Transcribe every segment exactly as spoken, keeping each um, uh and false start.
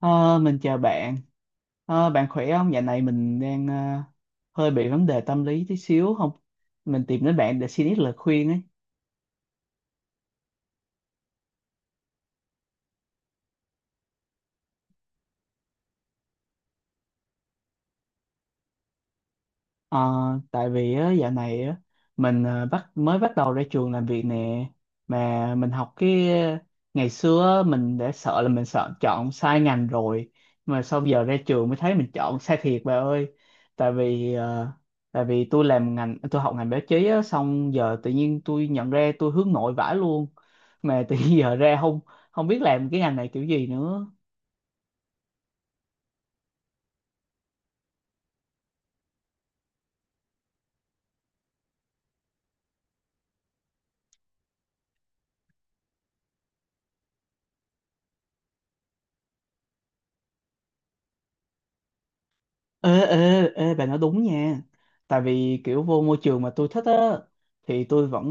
Ờ, mình chào bạn. Ờ, bạn khỏe không? Dạo này mình đang ờ, hơi bị vấn đề tâm lý tí xíu không? Mình tìm đến bạn để xin ít lời khuyên ấy. Ờ, Tại vì á, dạo này á, mình ờ, bắt mới bắt đầu ra trường làm việc nè mà mình học cái ngày xưa á, mình đã sợ là mình sợ chọn sai ngành rồi, mà sau giờ ra trường mới thấy mình chọn sai thiệt bà ơi. Tại vì ờ, tại vì tôi làm ngành tôi học ngành báo chí á, xong giờ tự nhiên tôi nhận ra tôi hướng nội vãi luôn, mà tự nhiên giờ ra không không biết làm cái ngành này kiểu gì nữa. Ê ê ê bà nói đúng nha, tại vì kiểu vô môi trường mà tôi thích á thì tôi vẫn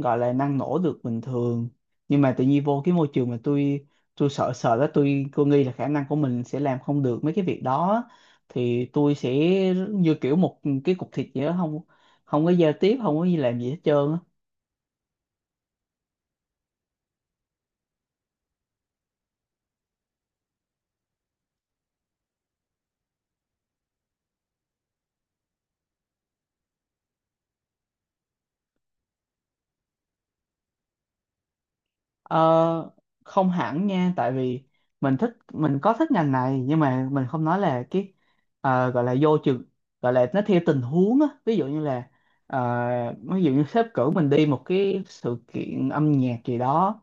gọi là năng nổ được bình thường, nhưng mà tự nhiên vô cái môi trường mà tôi tôi sợ sợ đó, tôi tôi nghĩ là khả năng của mình sẽ làm không được mấy cái việc đó á. Thì tôi sẽ như kiểu một cái cục thịt vậy đó, không không có giao tiếp, không có gì làm gì hết trơn á. Ờ, không hẳn nha, tại vì mình thích mình có thích ngành này, nhưng mà mình không nói là cái ờ, gọi là vô trường, gọi là nó theo tình huống á, ví dụ như là ờ, ví dụ như sếp cử mình đi một cái sự kiện âm nhạc gì đó,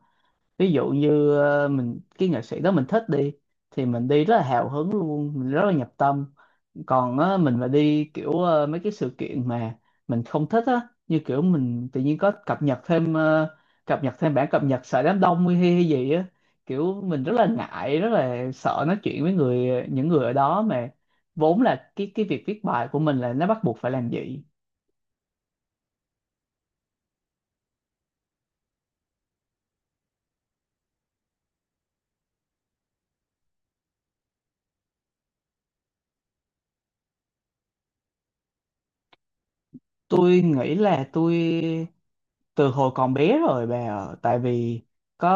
ví dụ như ờ, mình cái nghệ sĩ đó mình thích đi thì mình đi rất là hào hứng luôn, mình rất là nhập tâm. Còn á, mình mà đi kiểu ờ, mấy cái sự kiện mà mình không thích á, như kiểu mình tự nhiên có cập nhật thêm ờ, cập nhật thêm bản cập nhật sợ đám đông hay, hay gì á, kiểu mình rất là ngại rất là sợ nói chuyện với người những người ở đó, mà vốn là cái cái việc viết bài của mình là nó bắt buộc phải làm vậy. Tôi nghĩ là tôi từ hồi còn bé rồi bà ạ. Tại vì có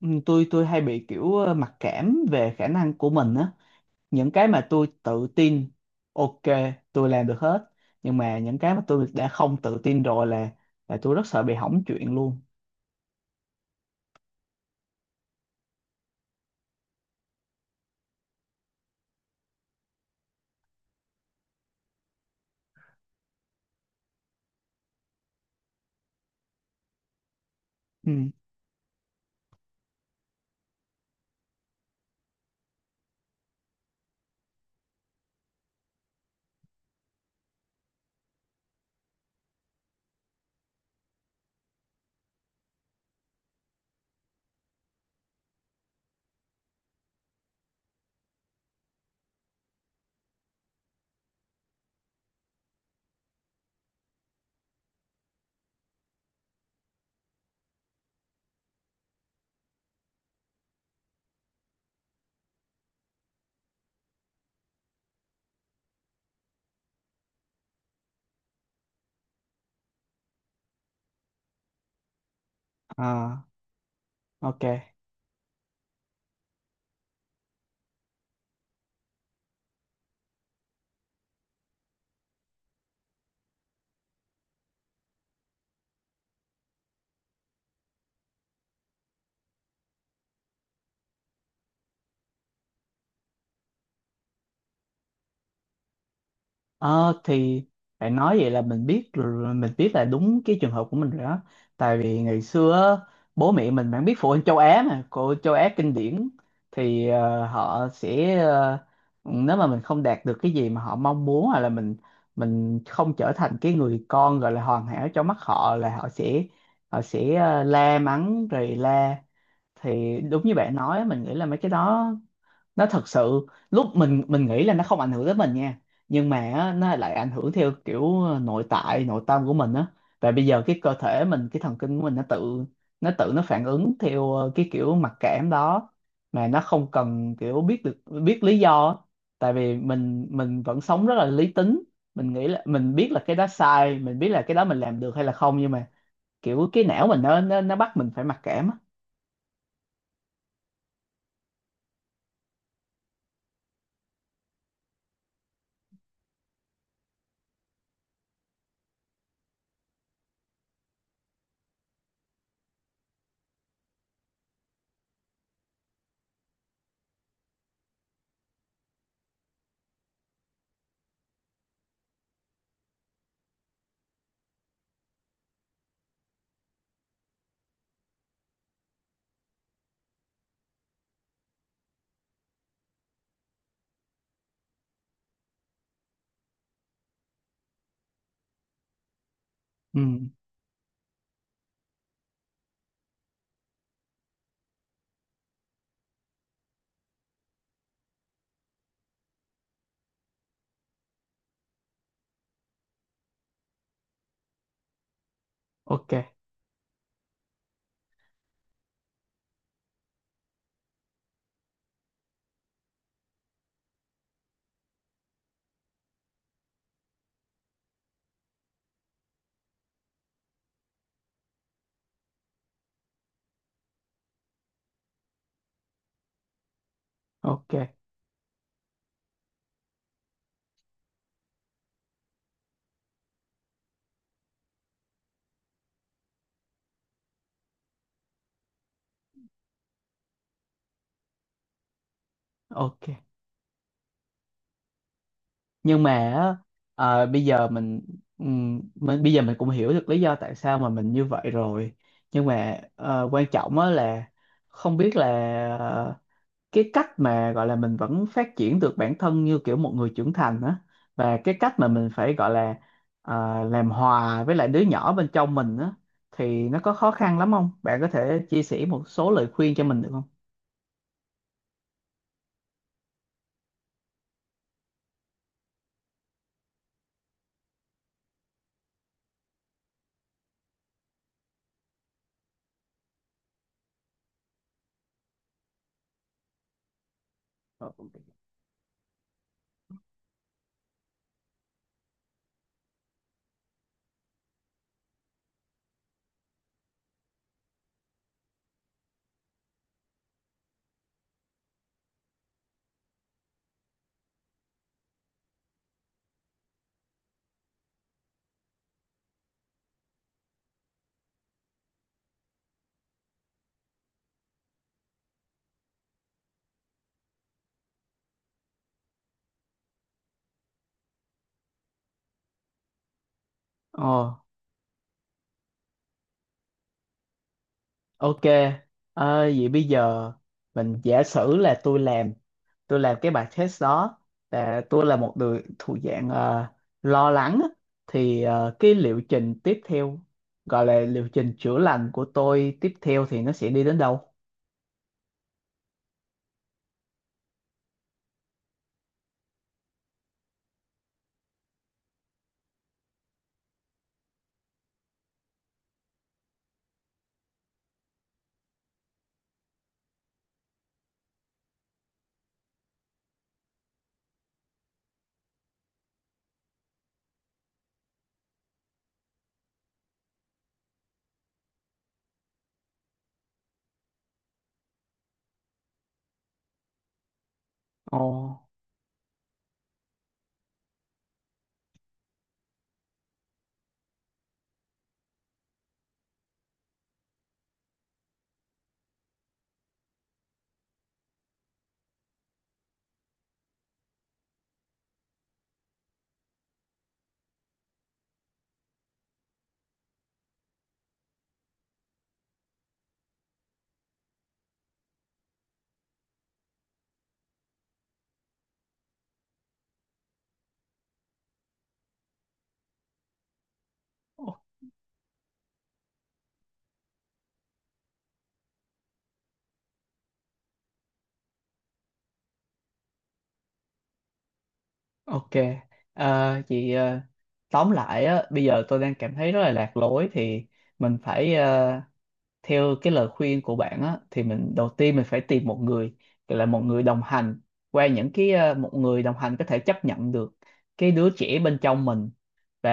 ừ, tôi tôi hay bị kiểu ờ, mặc cảm về khả năng của mình á, những cái mà tôi tự tin ok tôi làm được hết, nhưng mà những cái mà tôi đã không tự tin rồi là là tôi rất sợ bị hỏng chuyện luôn. Ừ. À, ok. Ờ thì bạn nói vậy là mình biết rồi- mình biết là đúng cái trường hợp của mình rồi đó. Tại vì ngày xưa á, bố mẹ mình, bạn biết phụ huynh châu Á mà, cô châu Á kinh điển, thì ờ, họ sẽ ờ, nếu mà mình không đạt được cái gì mà họ mong muốn, hoặc là mình mình không trở thành cái người con gọi là hoàn hảo trong mắt họ, là họ sẽ họ sẽ ờ, la mắng rồi la. Thì đúng như bạn nói, mình nghĩ là mấy cái đó nó thật sự lúc mình mình nghĩ là nó không ảnh hưởng tới mình nha, nhưng mà á, nó lại ảnh hưởng theo kiểu ờ, nội tại nội tâm của mình á. Và bây giờ cái cơ thể mình, cái thần kinh của mình nó tự nó tự nó phản ứng theo ờ, cái kiểu mặc cảm đó, mà nó không cần kiểu biết được biết lý do á. Tại vì mình mình vẫn sống rất là lý tính, mình nghĩ là mình biết là cái đó sai, mình biết là cái đó mình làm được hay là không, nhưng mà kiểu cái não mình nó nó, nó bắt mình phải mặc cảm á. Ừ. Ok. Ok ok, nhưng mà á, ờ, bây giờ mình, ừm, mình bây giờ mình cũng hiểu được lý do tại sao mà mình như vậy rồi, nhưng mà ờ, quan trọng á là không biết là ờ, cái cách mà gọi là mình vẫn phát triển được bản thân như kiểu một người trưởng thành á, và cái cách mà mình phải gọi là ờ, làm hòa với lại đứa nhỏ bên trong mình á, thì nó có khó khăn lắm không? Bạn có thể chia sẻ một số lời khuyên cho mình được không? Ờ. Ok, ờ, vậy bây giờ mình giả sử là tôi làm tôi làm cái bài test đó, là tôi là một người thuộc dạng ờ, lo lắng á. Thì ờ, cái liệu trình tiếp theo, gọi là liệu trình chữa lành của tôi tiếp theo thì nó sẽ đi đến đâu? Ồ, o- ok. À, chị ờ, tóm lại á, bây giờ tôi đang cảm thấy rất là lạc lối, thì mình phải theo cái lời khuyên của bạn á, thì mình đầu tiên mình phải tìm một người gọi là một người đồng hành, qua những cái ờ, một người đồng hành có thể chấp nhận được cái đứa trẻ bên trong mình, và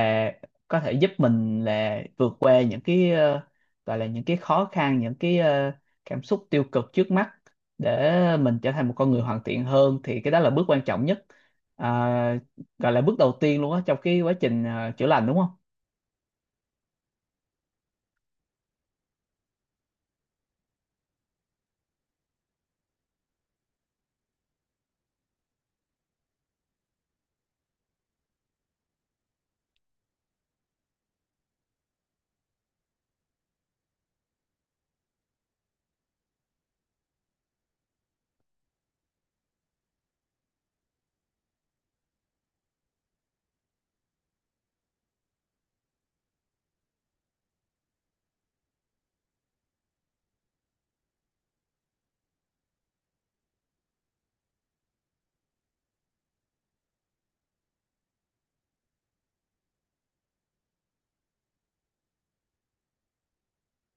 có thể giúp mình là vượt qua những cái ờ, gọi là những cái khó khăn, những cái ờ, cảm xúc tiêu cực trước mắt, để mình trở thành một con người hoàn thiện hơn, thì cái đó là bước quan trọng nhất. À, gọi là bước đầu tiên luôn á trong cái quá trình ờ, chữa lành, đúng không?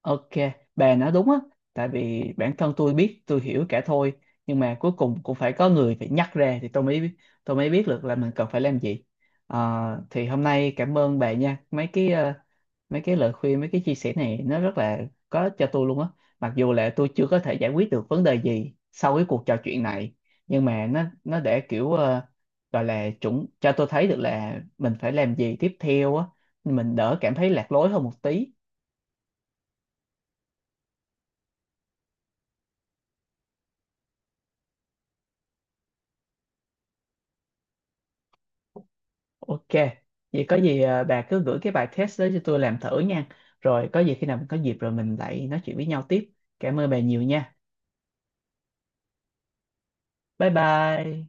Ok, bà nói đúng á, tại vì bản thân tôi biết, tôi hiểu cả thôi, nhưng mà cuối cùng cũng phải có người phải nhắc ra thì tôi mới tôi mới biết được là mình cần phải làm gì. Ờ, thì hôm nay cảm ơn bà nha, mấy cái ờ, mấy cái lời khuyên, mấy cái chia sẻ này nó rất là có ích cho tôi luôn á. Mặc dù là tôi chưa có thể giải quyết được vấn đề gì sau cái cuộc trò chuyện này, nhưng mà nó nó để kiểu ờ, gọi là chuẩn cho tôi thấy được là mình phải làm gì tiếp theo á, mình đỡ cảm thấy lạc lối hơn một tí. Ok, vậy có gì à, bà cứ gửi cái bài test đó cho tôi làm thử nha. Rồi có gì khi nào mình có dịp rồi mình lại nói chuyện với nhau tiếp. Cảm ơn bà nhiều nha. Bye bye.